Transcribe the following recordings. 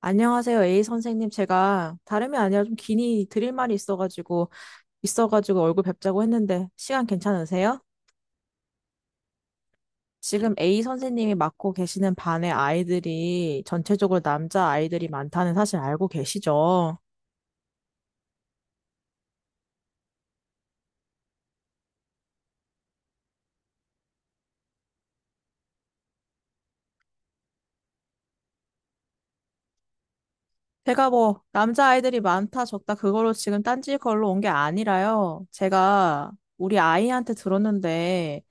안녕하세요, A 선생님. 제가 다름이 아니라 좀 긴히 드릴 말이 있어가지고, 얼굴 뵙자고 했는데, 시간 괜찮으세요? 지금 A 선생님이 맡고 계시는 반의 아이들이 전체적으로 남자 아이들이 많다는 사실 알고 계시죠? 제가 뭐, 남자 아이들이 많다, 적다, 그걸로 지금 딴지 걸로 온 게 아니라요. 제가 우리 아이한테 들었는데,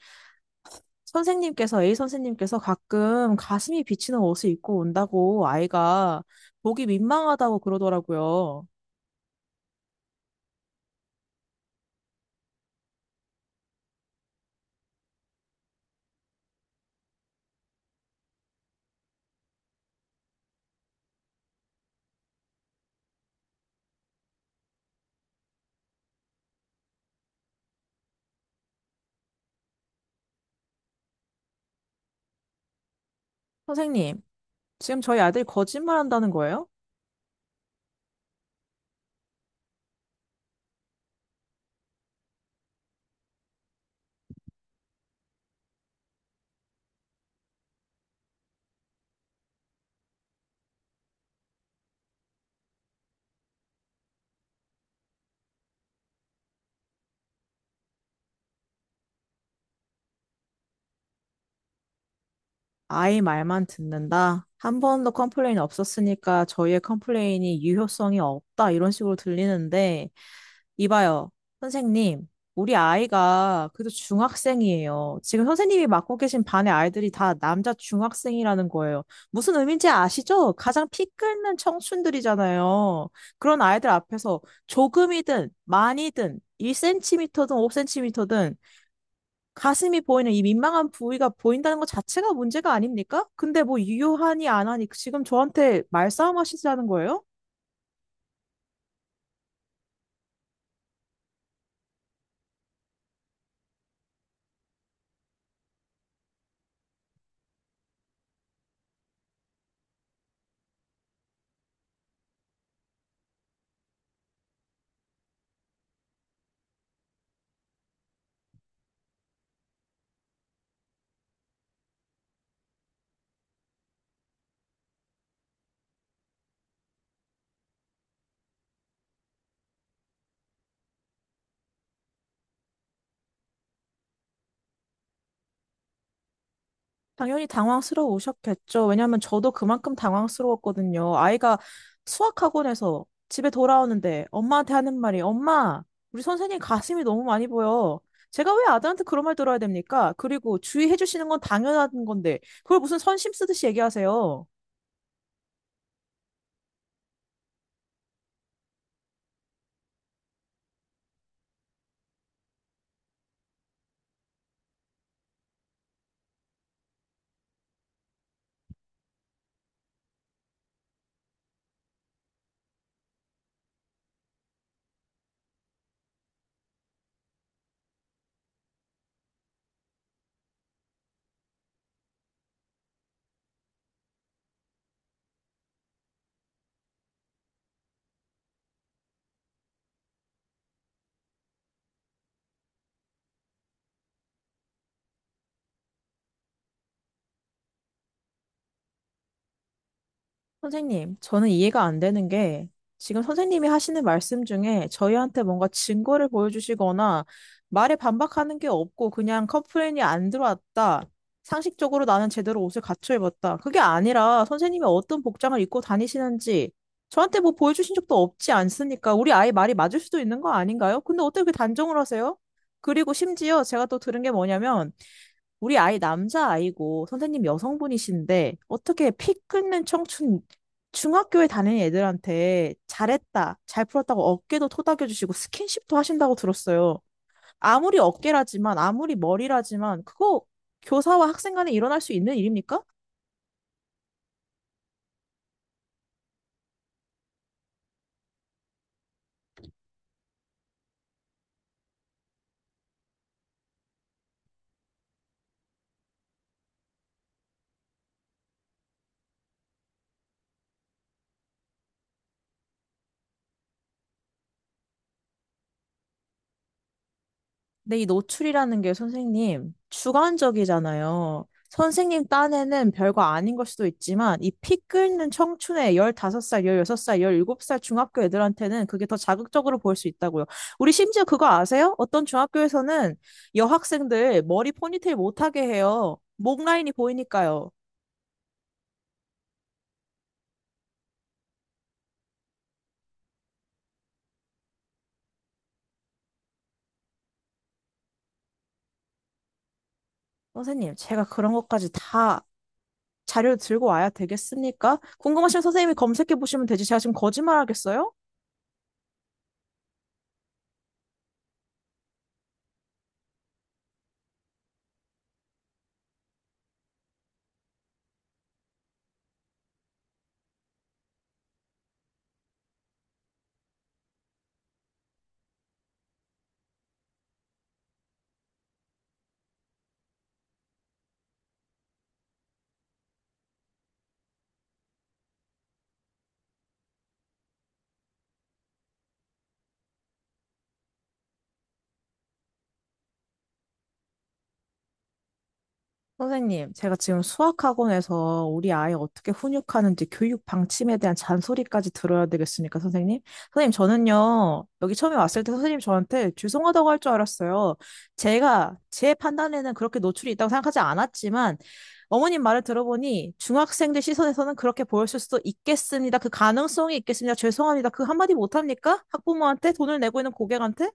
A 선생님께서 가끔 가슴이 비치는 옷을 입고 온다고 아이가 보기 민망하다고 그러더라고요. 선생님, 지금 저희 아들 거짓말한다는 거예요? 아이 말만 듣는다. 한 번도 컴플레인 없었으니까 저희의 컴플레인이 유효성이 없다. 이런 식으로 들리는데 이봐요, 선생님. 우리 아이가 그래도 중학생이에요. 지금 선생님이 맡고 계신 반의 아이들이 다 남자 중학생이라는 거예요. 무슨 의미인지 아시죠? 가장 피 끓는 청춘들이잖아요. 그런 아이들 앞에서 조금이든 많이든 1cm든 5cm든 가슴이 보이는 이 민망한 부위가 보인다는 것 자체가 문제가 아닙니까? 근데 뭐 유효하니 안 하니 지금 저한테 말싸움 하시자는 거예요? 당연히 당황스러우셨겠죠. 왜냐하면 저도 그만큼 당황스러웠거든요. 아이가 수학학원에서 집에 돌아오는데 엄마한테 하는 말이 엄마, 우리 선생님 가슴이 너무 많이 보여. 제가 왜 아들한테 그런 말 들어야 됩니까? 그리고 주의해 주시는 건 당연한 건데 그걸 무슨 선심 쓰듯이 얘기하세요. 선생님, 저는 이해가 안 되는 게 지금 선생님이 하시는 말씀 중에 저희한테 뭔가 증거를 보여주시거나 말에 반박하는 게 없고 그냥 컴플레인이 안 들어왔다. 상식적으로 나는 제대로 옷을 갖춰 입었다. 그게 아니라 선생님이 어떤 복장을 입고 다니시는지 저한테 뭐 보여주신 적도 없지 않습니까? 우리 아이 말이 맞을 수도 있는 거 아닌가요? 근데 어떻게 그 단정을 하세요? 그리고 심지어 제가 또 들은 게 뭐냐면 우리 아이 남자아이고 선생님 여성분이신데 어떻게 피 끊는 청춘 중학교에 다니는 애들한테 잘했다, 잘 풀었다고 어깨도 토닥여주시고 스킨십도 하신다고 들었어요. 아무리 어깨라지만 아무리 머리라지만 그거 교사와 학생 간에 일어날 수 있는 일입니까? 근데 이 노출이라는 게 선생님 주관적이잖아요. 선생님 딴에는 별거 아닌 걸 수도 있지만 이 피 끓는 청춘의 15살, 16살, 17살 중학교 애들한테는 그게 더 자극적으로 보일 수 있다고요. 우리 심지어 그거 아세요? 어떤 중학교에서는 여학생들 머리 포니테일 못하게 해요. 목 라인이 보이니까요. 선생님, 제가 그런 것까지 다 자료를 들고 와야 되겠습니까? 궁금하시면 선생님이 검색해 보시면 되지. 제가 지금 거짓말 하겠어요? 선생님, 제가 지금 수학학원에서 우리 아이 어떻게 훈육하는지 교육 방침에 대한 잔소리까지 들어야 되겠습니까, 선생님? 선생님, 저는요, 여기 처음에 왔을 때 선생님 저한테 죄송하다고 할 줄 알았어요. 제가 제 판단에는 그렇게 노출이 있다고 생각하지 않았지만, 어머님 말을 들어보니 중학생들 시선에서는 그렇게 보였을 수도 있겠습니다. 그 가능성이 있겠습니다. 죄송합니다. 그 한마디 못합니까? 학부모한테? 돈을 내고 있는 고객한테?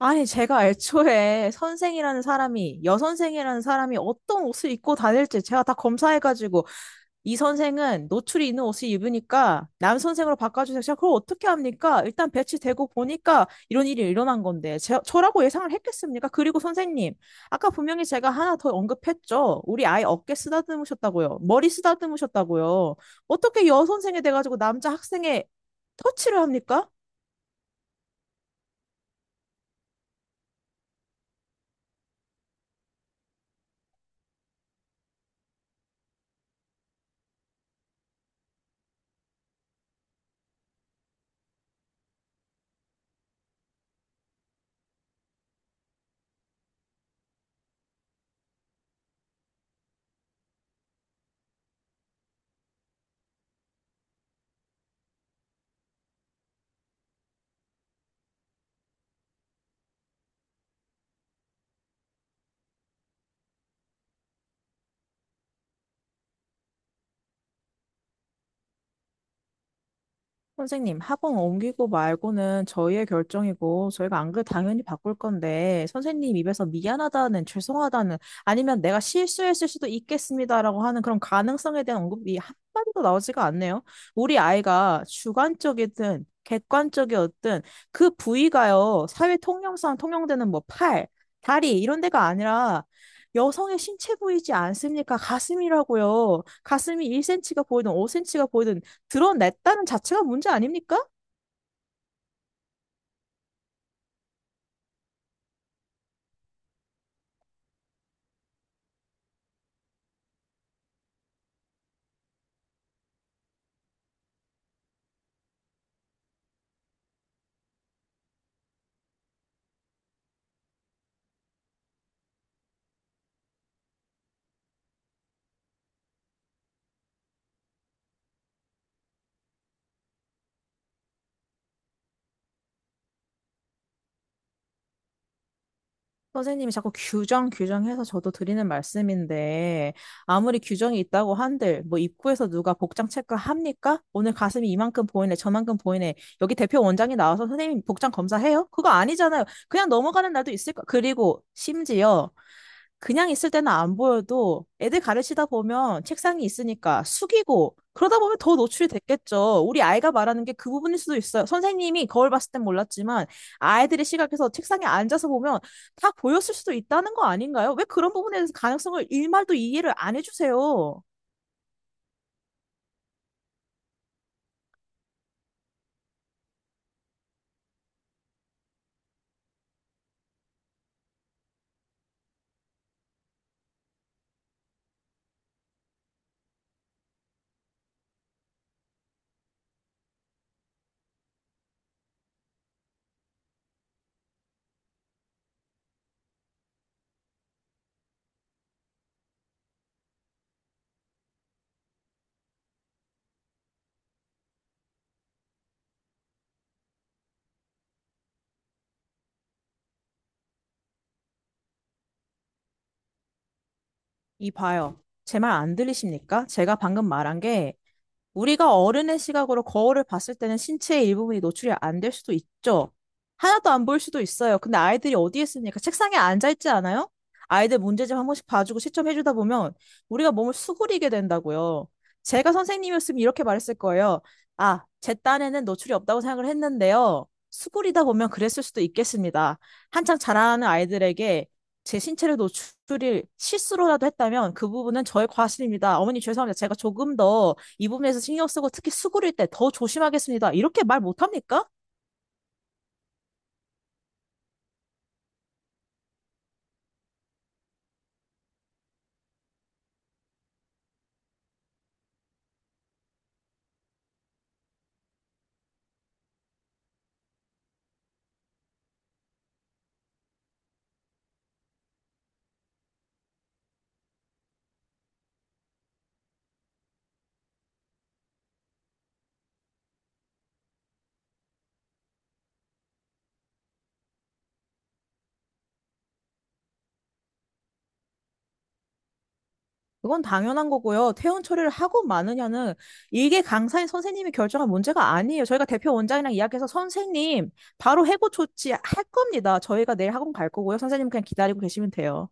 아니, 제가 애초에 선생이라는 사람이, 여선생이라는 사람이 어떤 옷을 입고 다닐지 제가 다 검사해가지고, 이 선생은 노출이 있는 옷을 입으니까, 남선생으로 바꿔주세요. 제가 그걸 어떻게 합니까? 일단 배치되고 보니까 이런 일이 일어난 건데, 저라고 예상을 했겠습니까? 그리고 선생님, 아까 분명히 제가 하나 더 언급했죠? 우리 아이 어깨 쓰다듬으셨다고요. 머리 쓰다듬으셨다고요. 어떻게 여선생이 돼가지고 남자 학생의 터치를 합니까? 선생님, 학원 옮기고 말고는 저희의 결정이고, 저희가 안 그래 당연히 바꿀 건데, 선생님 입에서 미안하다는, 죄송하다는, 아니면 내가 실수했을 수도 있겠습니다라고 하는 그런 가능성에 대한 언급이 한마디도 나오지가 않네요. 우리 아이가 주관적이든, 객관적이었든, 그 부위가요, 사회 통념상 통용되는 뭐 팔, 다리, 이런 데가 아니라, 여성의 신체 부위지 않습니까? 가슴이라고요. 가슴이 1cm가 보이든 5cm가 보이든 드러냈다는 자체가 문제 아닙니까? 선생님이 자꾸 규정 규정해서 저도 드리는 말씀인데 아무리 규정이 있다고 한들 뭐 입구에서 누가 복장 체크합니까? 오늘 가슴이 이만큼 보이네 저만큼 보이네 여기 대표 원장이 나와서 선생님 복장 검사해요? 그거 아니잖아요. 그냥 넘어가는 날도 있을 거. 그리고 심지어 그냥 있을 때는 안 보여도 애들 가르치다 보면 책상이 있으니까 숙이고 그러다 보면 더 노출이 됐겠죠. 우리 아이가 말하는 게 그 부분일 수도 있어요. 선생님이 거울 봤을 땐 몰랐지만 아이들의 시각에서 책상에 앉아서 보면 다 보였을 수도 있다는 거 아닌가요? 왜 그런 부분에 대해서 가능성을 일말도 이해를 안 해주세요? 이 봐요. 제 말 안 들리십니까? 제가 방금 말한 게 우리가 어른의 시각으로 거울을 봤을 때는 신체의 일부분이 노출이 안 될 수도 있죠. 하나도 안 보일 수도 있어요. 근데 아이들이 어디에 있습니까? 책상에 앉아 있지 않아요? 아이들 문제집 한 번씩 봐주고 시점해 주다 보면 우리가 몸을 수그리게 된다고요. 제가 선생님이었으면 이렇게 말했을 거예요. 아, 제 딴에는 노출이 없다고 생각을 했는데요. 수그리다 보면 그랬을 수도 있겠습니다. 한창 자라는 아이들에게 제 신체를 노출을 실수로라도 했다면 그 부분은 저의 과실입니다. 어머니 죄송합니다. 제가 조금 더 이 부분에서 신경 쓰고 특히 수그릴 때 더 조심하겠습니다. 이렇게 말 못합니까? 그건 당연한 거고요. 퇴원 처리를 하고 마느냐는 이게 강사인 선생님이 결정한 문제가 아니에요. 저희가 대표 원장이랑 이야기해서 선생님 바로 해고 조치 할 겁니다. 저희가 내일 학원 갈 거고요. 선생님 그냥 기다리고 계시면 돼요.